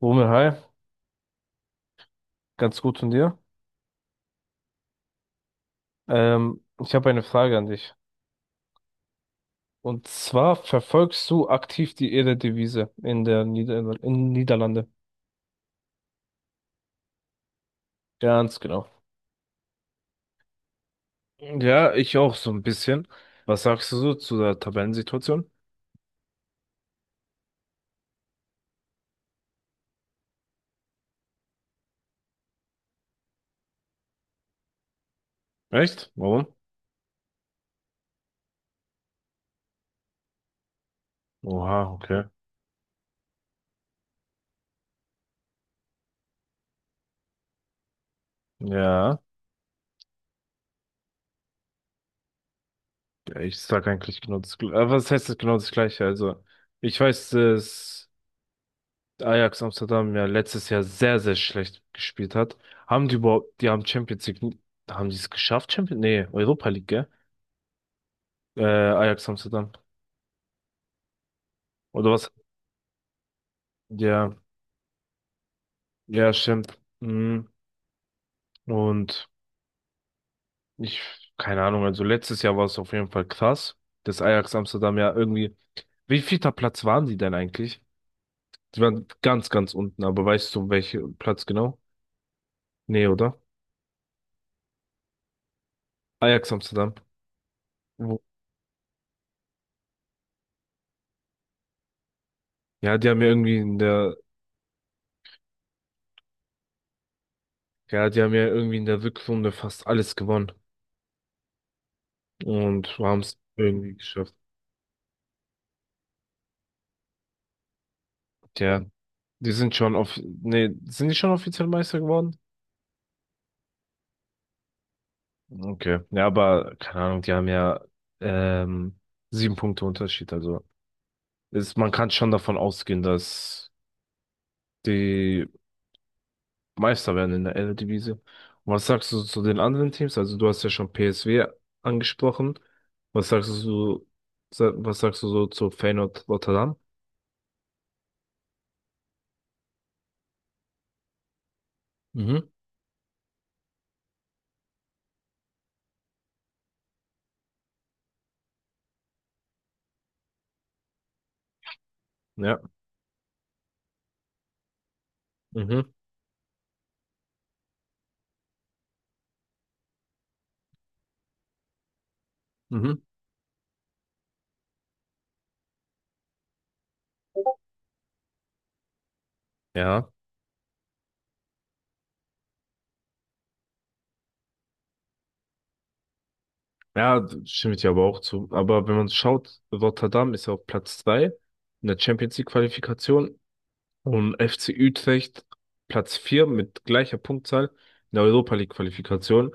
Romeo, hi, ganz gut von dir. Ich habe eine Frage an dich. Und zwar verfolgst du aktiv die Eredivisie in der Niederlande? Ganz genau. Ja, ich auch so ein bisschen. Was sagst du so zu der Tabellensituation? Echt? Warum? Oha, okay. Ja, ich sag eigentlich genau das Gleiche. Was heißt das genau das Gleiche? Also, ich weiß es. Ajax Amsterdam ja letztes Jahr sehr, sehr schlecht gespielt hat. Haben die überhaupt, die haben Champions League, haben die es geschafft? Champions, nee, Europa League, gell? Ajax Amsterdam. Oder was? Ja, ja, stimmt. Mhm. Und ich, keine Ahnung, also letztes Jahr war es auf jeden Fall krass, dass Ajax Amsterdam ja irgendwie, wie vielter Platz waren die denn eigentlich? Die waren ganz, ganz unten, aber weißt du, welcher Platz genau? Nee, oder? Ajax Amsterdam. Wo- Ja, die haben ja irgendwie in der Ja, die haben ja irgendwie in der Rückrunde fast alles gewonnen und haben es irgendwie geschafft. Tja, die sind schon sind die schon offiziell Meister geworden? Okay. Ja, aber keine Ahnung, die haben ja ähm, sieben Punkte Unterschied. Also ist, man kann schon davon ausgehen, dass die Meister werden in der Eredivisie. Und was sagst du zu den anderen Teams? Also du hast ja schon PSV angesprochen. Was sagst du, was sagst du so zu Feyenoord Rotterdam? Mhm. Ja. Mhm. Mhm. Ja, ja, da stimme ich dir aber auch zu. Aber wenn man schaut, Rotterdam ist ja auf Platz 3 in der Champions League Qualifikation und FC Utrecht Platz 4 mit gleicher Punktzahl in der Europa League Qualifikation.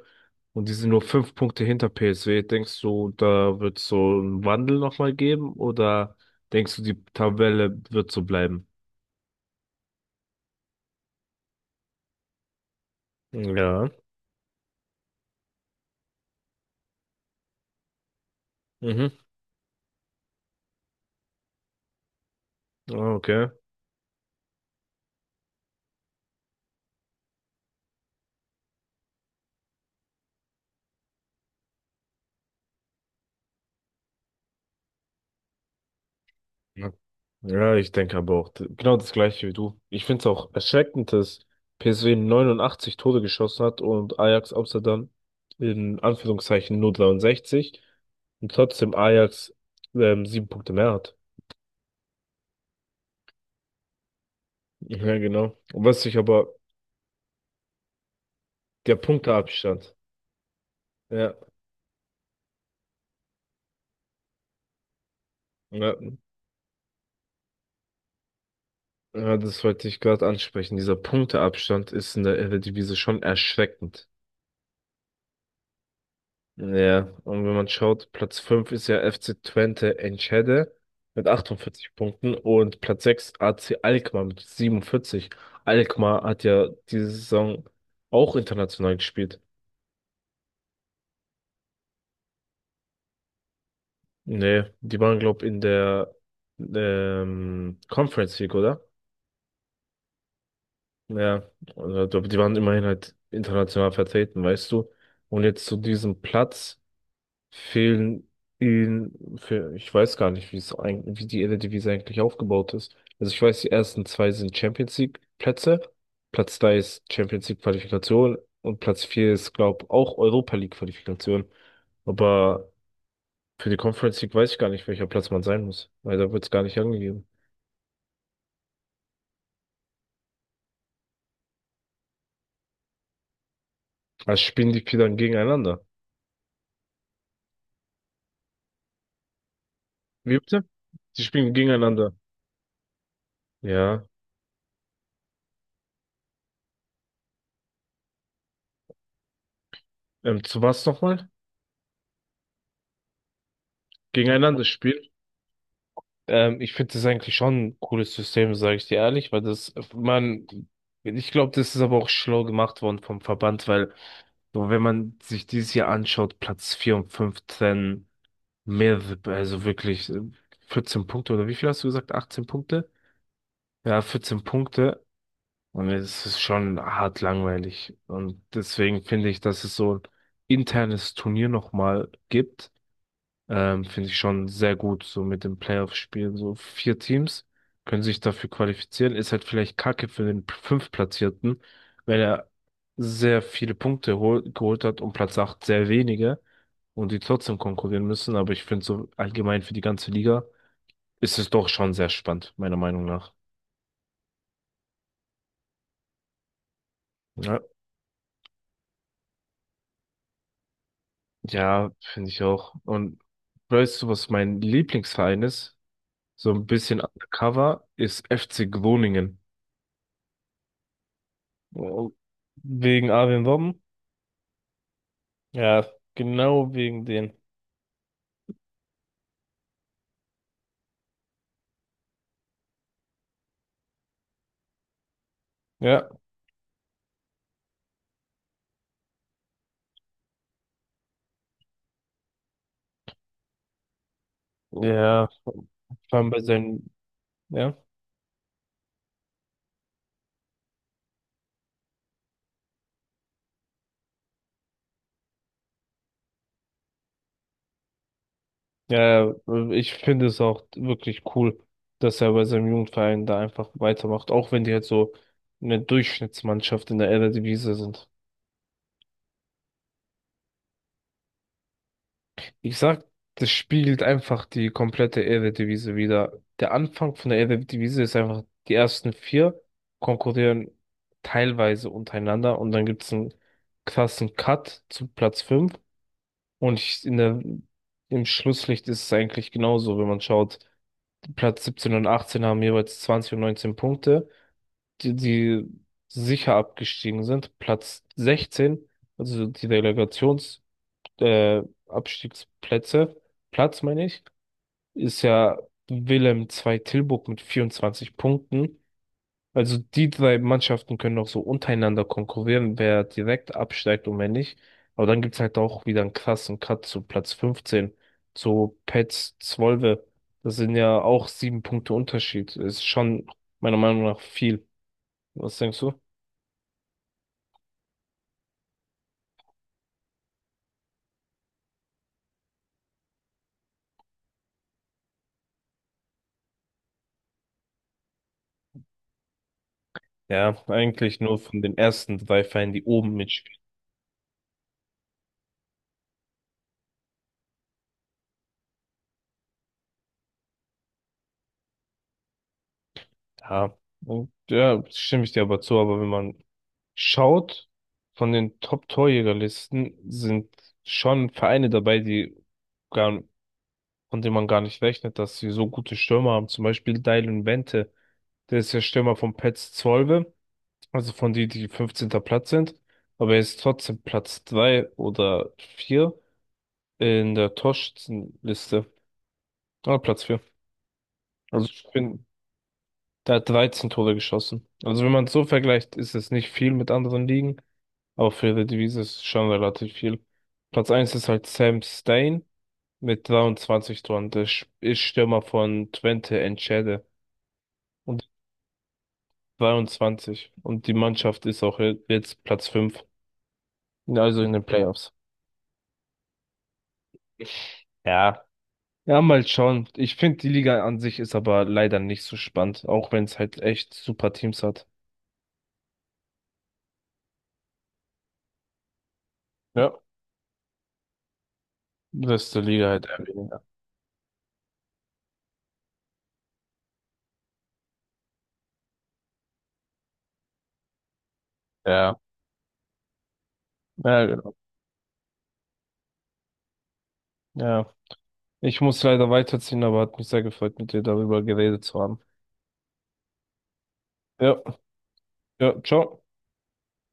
Und die sind nur fünf Punkte hinter PSV. Denkst du, da wird so einen Wandel nochmal geben oder denkst du, die Tabelle wird so bleiben? Ja. Mhm. Ah, okay. Ja, ich denke aber auch genau das gleiche wie du. Ich finde es auch erschreckend, dass PSV 89 Tore geschossen hat und Ajax Amsterdam in Anführungszeichen nur 63 und trotzdem Ajax sieben Punkte mehr hat. Ja, genau. Und was ich aber, der Punkteabstand. Ja, ja, ja, das wollte ich gerade ansprechen. Dieser Punkteabstand ist in der Eredivisie schon erschreckend. Ja, und wenn man schaut, Platz 5 ist ja FC Twente Enschede mit 48 Punkten und Platz sechs AC Alkmaar mit 47. Alkmaar hat ja diese Saison auch international gespielt. Nee, die waren, glaub, in der Conference League, oder? Ja, also, die waren immerhin halt international vertreten, weißt du. Und jetzt zu diesem Platz fehlen ihnen für, ich weiß gar nicht, wie es eigentlich, wie die Eredivisie eigentlich aufgebaut ist. Also ich weiß, die ersten zwei sind Champions League Plätze, Platz drei ist Champions League Qualifikation und Platz vier ist, glaube ich, auch Europa League Qualifikation. Aber für die Conference League weiß ich gar nicht, welcher Platz man sein muss, weil da wird es gar nicht angegeben. Also spielen die vier dann gegeneinander. Wie bitte? Die spielen gegeneinander. Ja. Zu was nochmal? Gegeneinander spielen? Ich finde das eigentlich schon ein cooles System, sage ich dir ehrlich, weil das, man, ich glaube, das ist aber auch schlau gemacht worden vom Verband, weil so, wenn man sich dieses Jahr anschaut, Platz 4 und 15 mehr, also wirklich 14 Punkte oder wie viel hast du gesagt? 18 Punkte? Ja, 14 Punkte. Und es ist schon hart langweilig. Und deswegen finde ich, dass es so ein internes Turnier nochmal gibt finde ich schon sehr gut, so mit dem Playoff-Spielen. So vier Teams können sich dafür qualifizieren. Ist halt vielleicht Kacke für den Fünftplatzierten, weil er sehr viele Punkte hol geholt hat und Platz 8 sehr wenige und die trotzdem konkurrieren müssen. Aber ich finde so allgemein für die ganze Liga ist es doch schon sehr spannend, meiner Meinung nach. Ja, ja, finde ich auch. Und weißt du, was mein Lieblingsverein ist? So ein bisschen undercover ist FC Groningen. Oh, wegen Arjen Robben? Ja, genau wegen den. Ja, ja, vor allem bei seinem, ja, ja, ich finde es auch wirklich cool, dass er bei seinem Jugendverein da einfach weitermacht, auch wenn die halt so eine Durchschnittsmannschaft in der Eredivisie sind. Ich sag, das spiegelt einfach die komplette Eredivisie wider. Der Anfang von der Eredivisie ist einfach, die ersten vier konkurrieren teilweise untereinander und dann gibt's einen krassen Cut zu Platz fünf. Und ich, in der, im Schlusslicht ist es eigentlich genauso, wenn man schaut, Platz 17 und 18 haben jeweils 20 und 19 Punkte, die, die sicher abgestiegen sind. Platz 16, also die äh, Abstiegsplätze, Platz meine ich, ist ja Willem II Tilburg mit 24 Punkten. Also die drei Mannschaften können auch so untereinander konkurrieren, wer direkt absteigt und wer nicht. Aber dann gibt's halt auch wieder einen krassen Cut zu Platz 15, zu Petz Zwolle. Das sind ja auch sieben Punkte Unterschied. Ist schon meiner Meinung nach viel. Was denkst du? Ja, eigentlich nur von den ersten drei Vereinen, die oben mit. Ja, und ja, stimme ich dir aber zu, aber wenn man schaut, von den Top-Torjägerlisten sind schon Vereine dabei, die gar, von denen man gar nicht rechnet, dass sie so gute Stürmer haben. Zum Beispiel Dylan Wente, der ist ja Stürmer von Pets Zwolle, also von die, die 15. Platz sind, aber er ist trotzdem Platz 3 oder 4 in der Torschützenliste. Ah, Platz vier. Also ich finde, der hat 13 Tore geschossen. Also wenn man es so vergleicht, ist es nicht viel mit anderen Ligen, aber für die Eredivisie ist es schon relativ viel. Platz eins ist halt Sam Stein mit 23 Toren. Der ist Stürmer von Twente Enschede und 22. Und die Mannschaft ist auch jetzt Platz fünf, also in den Playoffs. Ja. Ja, mal schauen. Ich finde, die Liga an sich ist aber leider nicht so spannend, auch wenn es halt echt super Teams hat. Ja, das ist der Liga halt eher weniger. Ja. Ja, ja, ich muss leider weiterziehen, aber hat mich sehr gefreut, mit dir darüber geredet zu haben. Ja, ja, ciao.